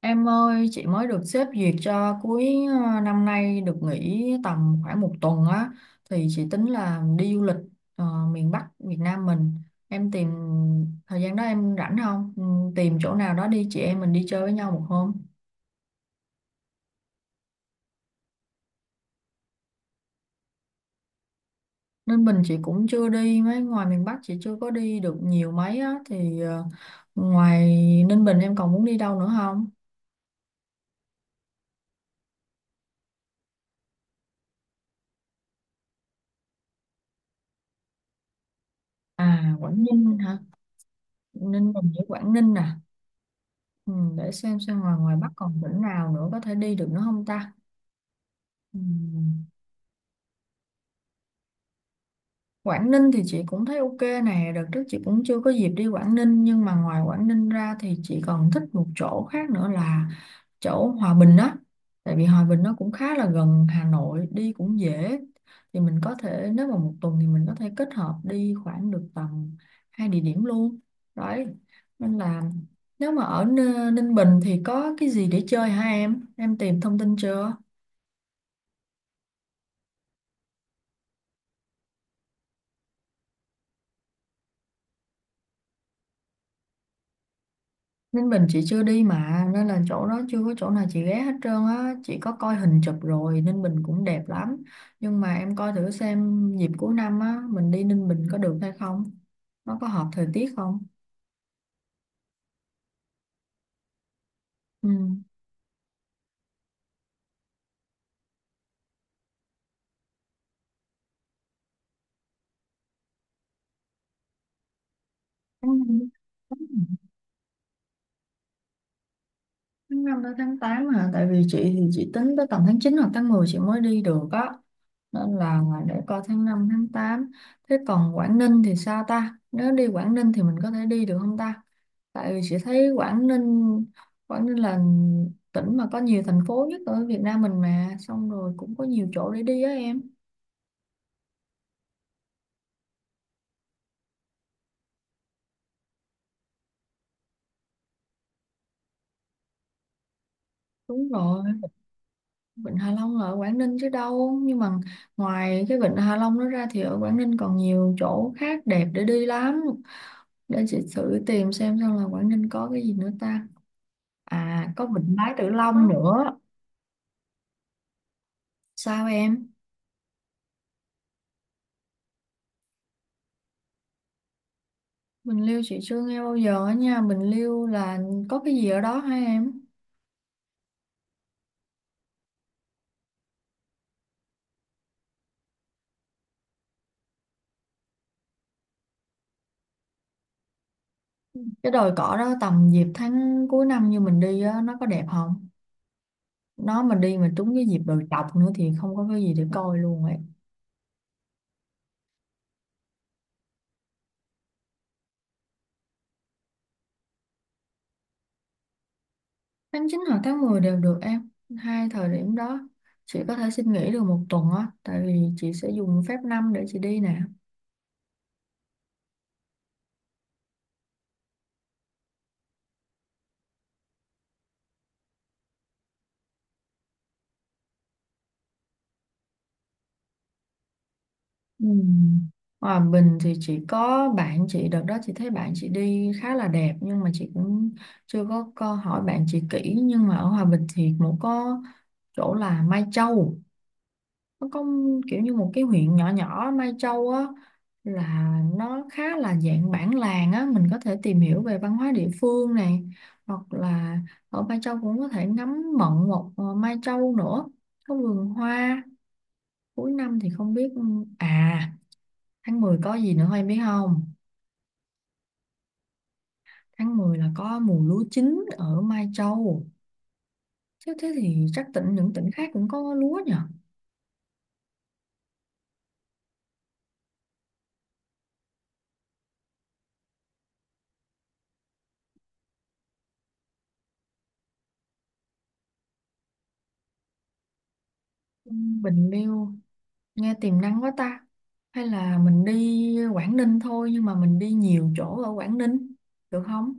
Em ơi, chị mới được sếp duyệt cho cuối năm nay được nghỉ tầm khoảng một tuần á, thì chị tính là đi du lịch ờ, miền Bắc Việt Nam mình. Em tìm thời gian đó em rảnh không? Ừ. Tìm chỗ nào đó đi chị em mình đi chơi với nhau một hôm. Nên bình chị cũng chưa đi mấy ngoài miền Bắc, chị chưa có đi được nhiều mấy á thì ngoài Ninh Bình em còn muốn đi đâu nữa không? À, Quảng Ninh hả? Ninh Bình với Quảng Ninh nè. Ừ, để xem ngoài ngoài Bắc còn tỉnh nào nữa có thể đi được nữa không ta? Ừ. Quảng Ninh thì chị cũng thấy ok nè, đợt trước chị cũng chưa có dịp đi Quảng Ninh, nhưng mà ngoài Quảng Ninh ra thì chị còn thích một chỗ khác nữa là chỗ Hòa Bình á. Tại vì Hòa Bình nó cũng khá là gần Hà Nội, đi cũng dễ. Thì mình có thể, nếu mà một tuần thì mình có thể kết hợp đi khoảng được tầm hai địa điểm luôn. Đấy. Nên là nếu mà ở Ninh Bình thì có cái gì để chơi hả em? Em tìm thông tin chưa? Ninh Bình chị chưa đi mà, nên là chỗ đó chưa có chỗ nào chị ghé hết trơn á, chị có coi hình chụp rồi, Ninh Bình cũng đẹp lắm, nhưng mà em coi thử xem dịp cuối năm á mình đi Ninh Bình có được hay không, nó có hợp thời tiết không. Ừ. Tháng 5 tới tháng 8 hả? Tại vì chị thì chị tính tới tầm tháng 9 hoặc tháng 10 chị mới đi được á. Nên là để coi tháng 5 tháng tám. Thế còn Quảng Ninh thì sao ta? Nếu đi Quảng Ninh thì mình có thể đi được không ta? Tại vì chị thấy Quảng Ninh là tỉnh mà có nhiều thành phố nhất ở Việt Nam mình mà. Xong rồi cũng có nhiều chỗ để đi á em. Đúng rồi, Vịnh Hạ Long là ở Quảng Ninh chứ đâu. Nhưng mà ngoài cái Vịnh Hạ Long đó ra thì ở Quảng Ninh còn nhiều chỗ khác đẹp để đi lắm. Để chị thử tìm xem là Quảng Ninh có cái gì nữa ta. À, có Vịnh Bái Tử Long nữa. Sao em? Bình Liêu chị chưa nghe bao giờ á nha, Bình Liêu là có cái gì ở đó hả em? Cái đồi cỏ đó tầm dịp tháng cuối năm như mình đi á nó có đẹp không? Nó mà đi mà trúng cái dịp đồi trọc nữa thì không có cái gì để coi luôn ấy. Tháng 9 hoặc tháng 10 đều được em, hai thời điểm đó chị có thể xin nghỉ được một tuần á, tại vì chị sẽ dùng phép năm để chị đi nè. Ừ. Hòa Bình thì chỉ có bạn chị đợt đó chị thấy bạn chị đi khá là đẹp, nhưng mà chị cũng chưa có câu hỏi bạn chị kỹ, nhưng mà ở Hòa Bình thì cũng có chỗ là Mai Châu, nó có kiểu như một cái huyện nhỏ nhỏ Mai Châu á, là nó khá là dạng bản làng á, mình có thể tìm hiểu về văn hóa địa phương này, hoặc là ở Mai Châu cũng có thể ngắm mận một Mai Châu nữa có vườn hoa cuối năm thì không biết. À, tháng 10 có gì nữa em biết không? Tháng 10 là có mùa lúa chín ở Mai Châu. Chứ thế thì chắc những tỉnh khác cũng có lúa nhỉ? Ừ, Bình Liêu nghe tiềm năng quá ta. Hay là mình đi Quảng Ninh thôi nhưng mà mình đi nhiều chỗ ở Quảng Ninh được không?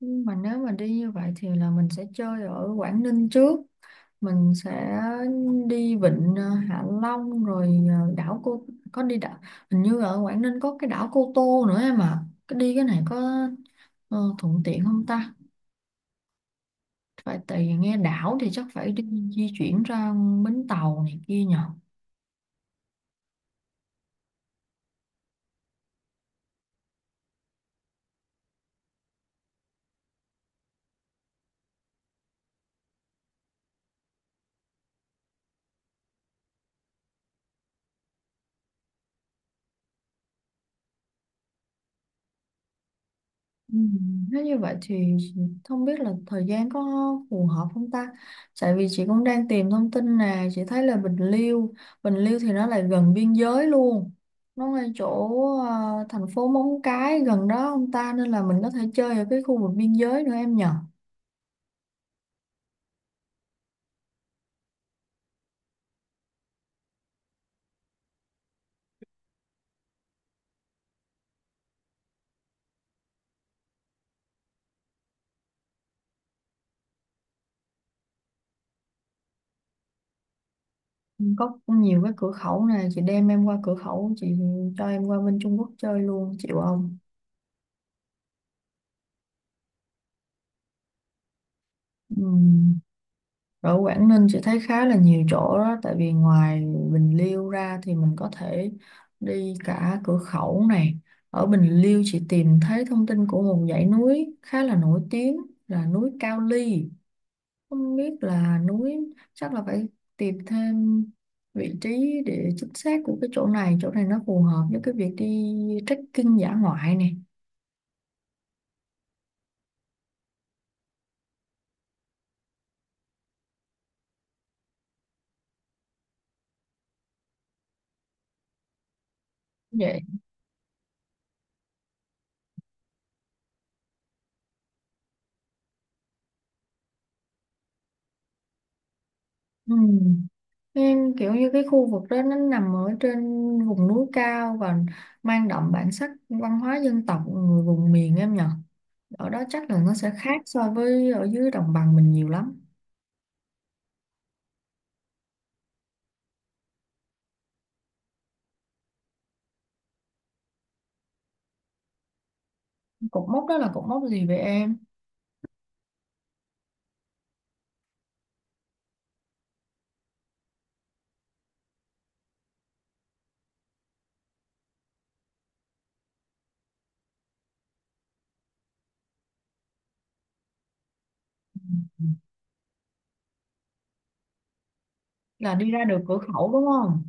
Nhưng mà nếu mà đi như vậy thì là mình sẽ chơi ở Quảng Ninh trước. Mình sẽ đi vịnh Hạ Long rồi đảo cô có đi đảo, hình như ở Quảng Ninh có cái đảo Cô Tô nữa em à. Cái này có thuận tiện không ta? Phải, tại vì nghe đảo thì chắc phải đi di chuyển ra bến tàu này kia nhỉ. Ừ, nếu như vậy thì không biết là thời gian có phù hợp không ta? Tại vì chị cũng đang tìm thông tin nè, chị thấy là Bình Liêu thì nó lại gần biên giới luôn. Nó ngay chỗ thành phố Móng Cái gần đó không ta, nên là mình có thể chơi ở cái khu vực biên giới nữa em nhờ. Ừ, có nhiều cái cửa khẩu nè, chị đem em qua cửa khẩu, chị cho em qua bên Trung Quốc chơi luôn, chịu không? Ừ. Ở Quảng Ninh chị thấy khá là nhiều chỗ đó, tại vì ngoài Bình Liêu ra thì mình có thể đi cả Cửa Khẩu này. Ở Bình Liêu chị tìm thấy thông tin của một dãy núi khá là nổi tiếng là núi Cao Ly. Không biết là núi, chắc là phải tìm thêm vị trí để chính xác của cái chỗ này nó phù hợp với cái việc đi trekking dã ngoại này. Vậy. Ừ. Nên kiểu như cái khu vực đó nó nằm ở trên vùng núi cao và mang đậm bản sắc văn hóa dân tộc người vùng miền em nhở. Ở đó chắc là nó sẽ khác so với ở dưới đồng bằng mình nhiều lắm. Cột mốc đó là cột mốc gì vậy em? Là đi ra được cửa khẩu đúng không?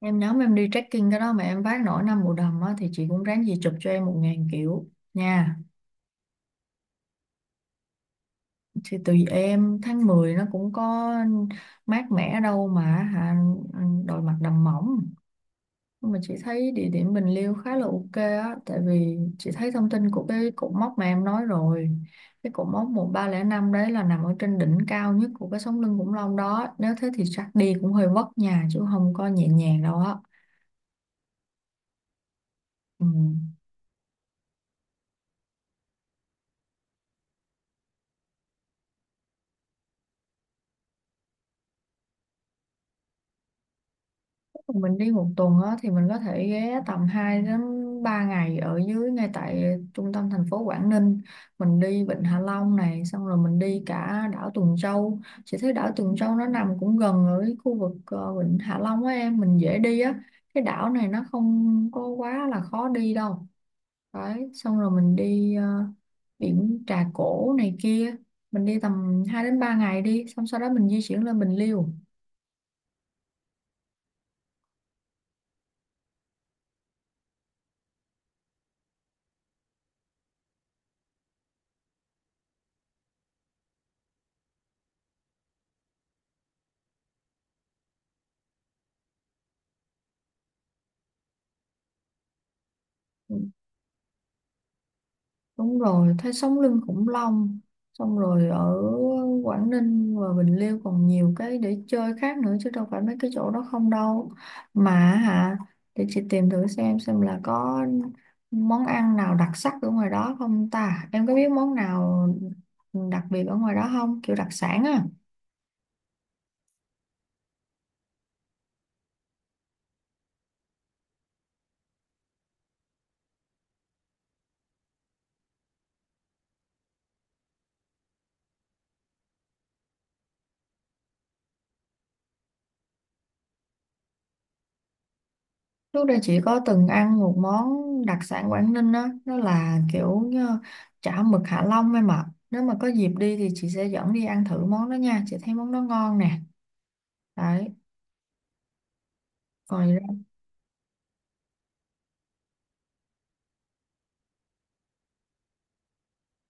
Nhóm em đi trekking cái đó mà em vác nổi năm bộ đầm á, thì chị cũng ráng gì chụp cho em 1.000 kiểu nha. Thì tùy em, tháng 10 nó cũng có mát mẻ đâu mà hả, đội mặt đầm mỏng. Nhưng mà chị thấy địa điểm Bình Liêu khá là ok á, tại vì chị thấy thông tin của cái cột mốc mà em nói rồi, cái cột mốc 1305 đấy là nằm ở trên đỉnh cao nhất của cái sống lưng khủng long đó, nếu thế thì chắc đi cũng hơi vất nhà chứ không có nhẹ nhàng đâu á. Ừ. Mình đi một tuần á, thì mình có thể ghé tầm 2 đến 3 ngày ở dưới ngay tại trung tâm thành phố Quảng Ninh, mình đi Vịnh Hạ Long này xong rồi mình đi cả đảo Tuần Châu, chị thấy đảo Tuần Châu nó nằm cũng gần ở cái khu vực Vịnh Hạ Long á em, mình dễ đi á, cái đảo này nó không có quá là khó đi đâu. Đấy, xong rồi mình đi biển Trà Cổ này kia, mình đi tầm 2 đến 3 ngày đi xong sau đó mình di chuyển lên Bình Liêu. Đúng rồi, thấy sống lưng khủng long, xong rồi ở Quảng Ninh và Bình Liêu còn nhiều cái để chơi khác nữa chứ đâu phải mấy cái chỗ đó không đâu mà, hả? Để chị tìm thử xem là có món ăn nào đặc sắc ở ngoài đó không ta, em có biết món nào đặc biệt ở ngoài đó không, kiểu đặc sản á? Trước đây chị có từng ăn một món đặc sản Quảng Ninh á, nó là kiểu chả mực Hạ Long em ạ. Nếu mà có dịp đi thì chị sẽ dẫn đi ăn thử món đó nha, chị thấy món đó ngon nè. Đấy, còn ra-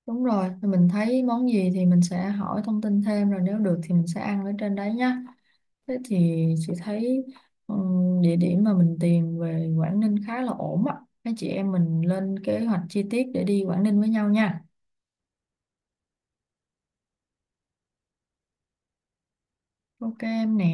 đúng rồi, mình thấy món gì thì mình sẽ hỏi thông tin thêm rồi nếu được thì mình sẽ ăn ở trên đấy nhá. Thế thì chị thấy địa điểm mà mình tìm về Quảng Ninh khá là ổn á. Mấy chị em mình lên kế hoạch chi tiết để đi Quảng Ninh với nhau nha. Ok em nè.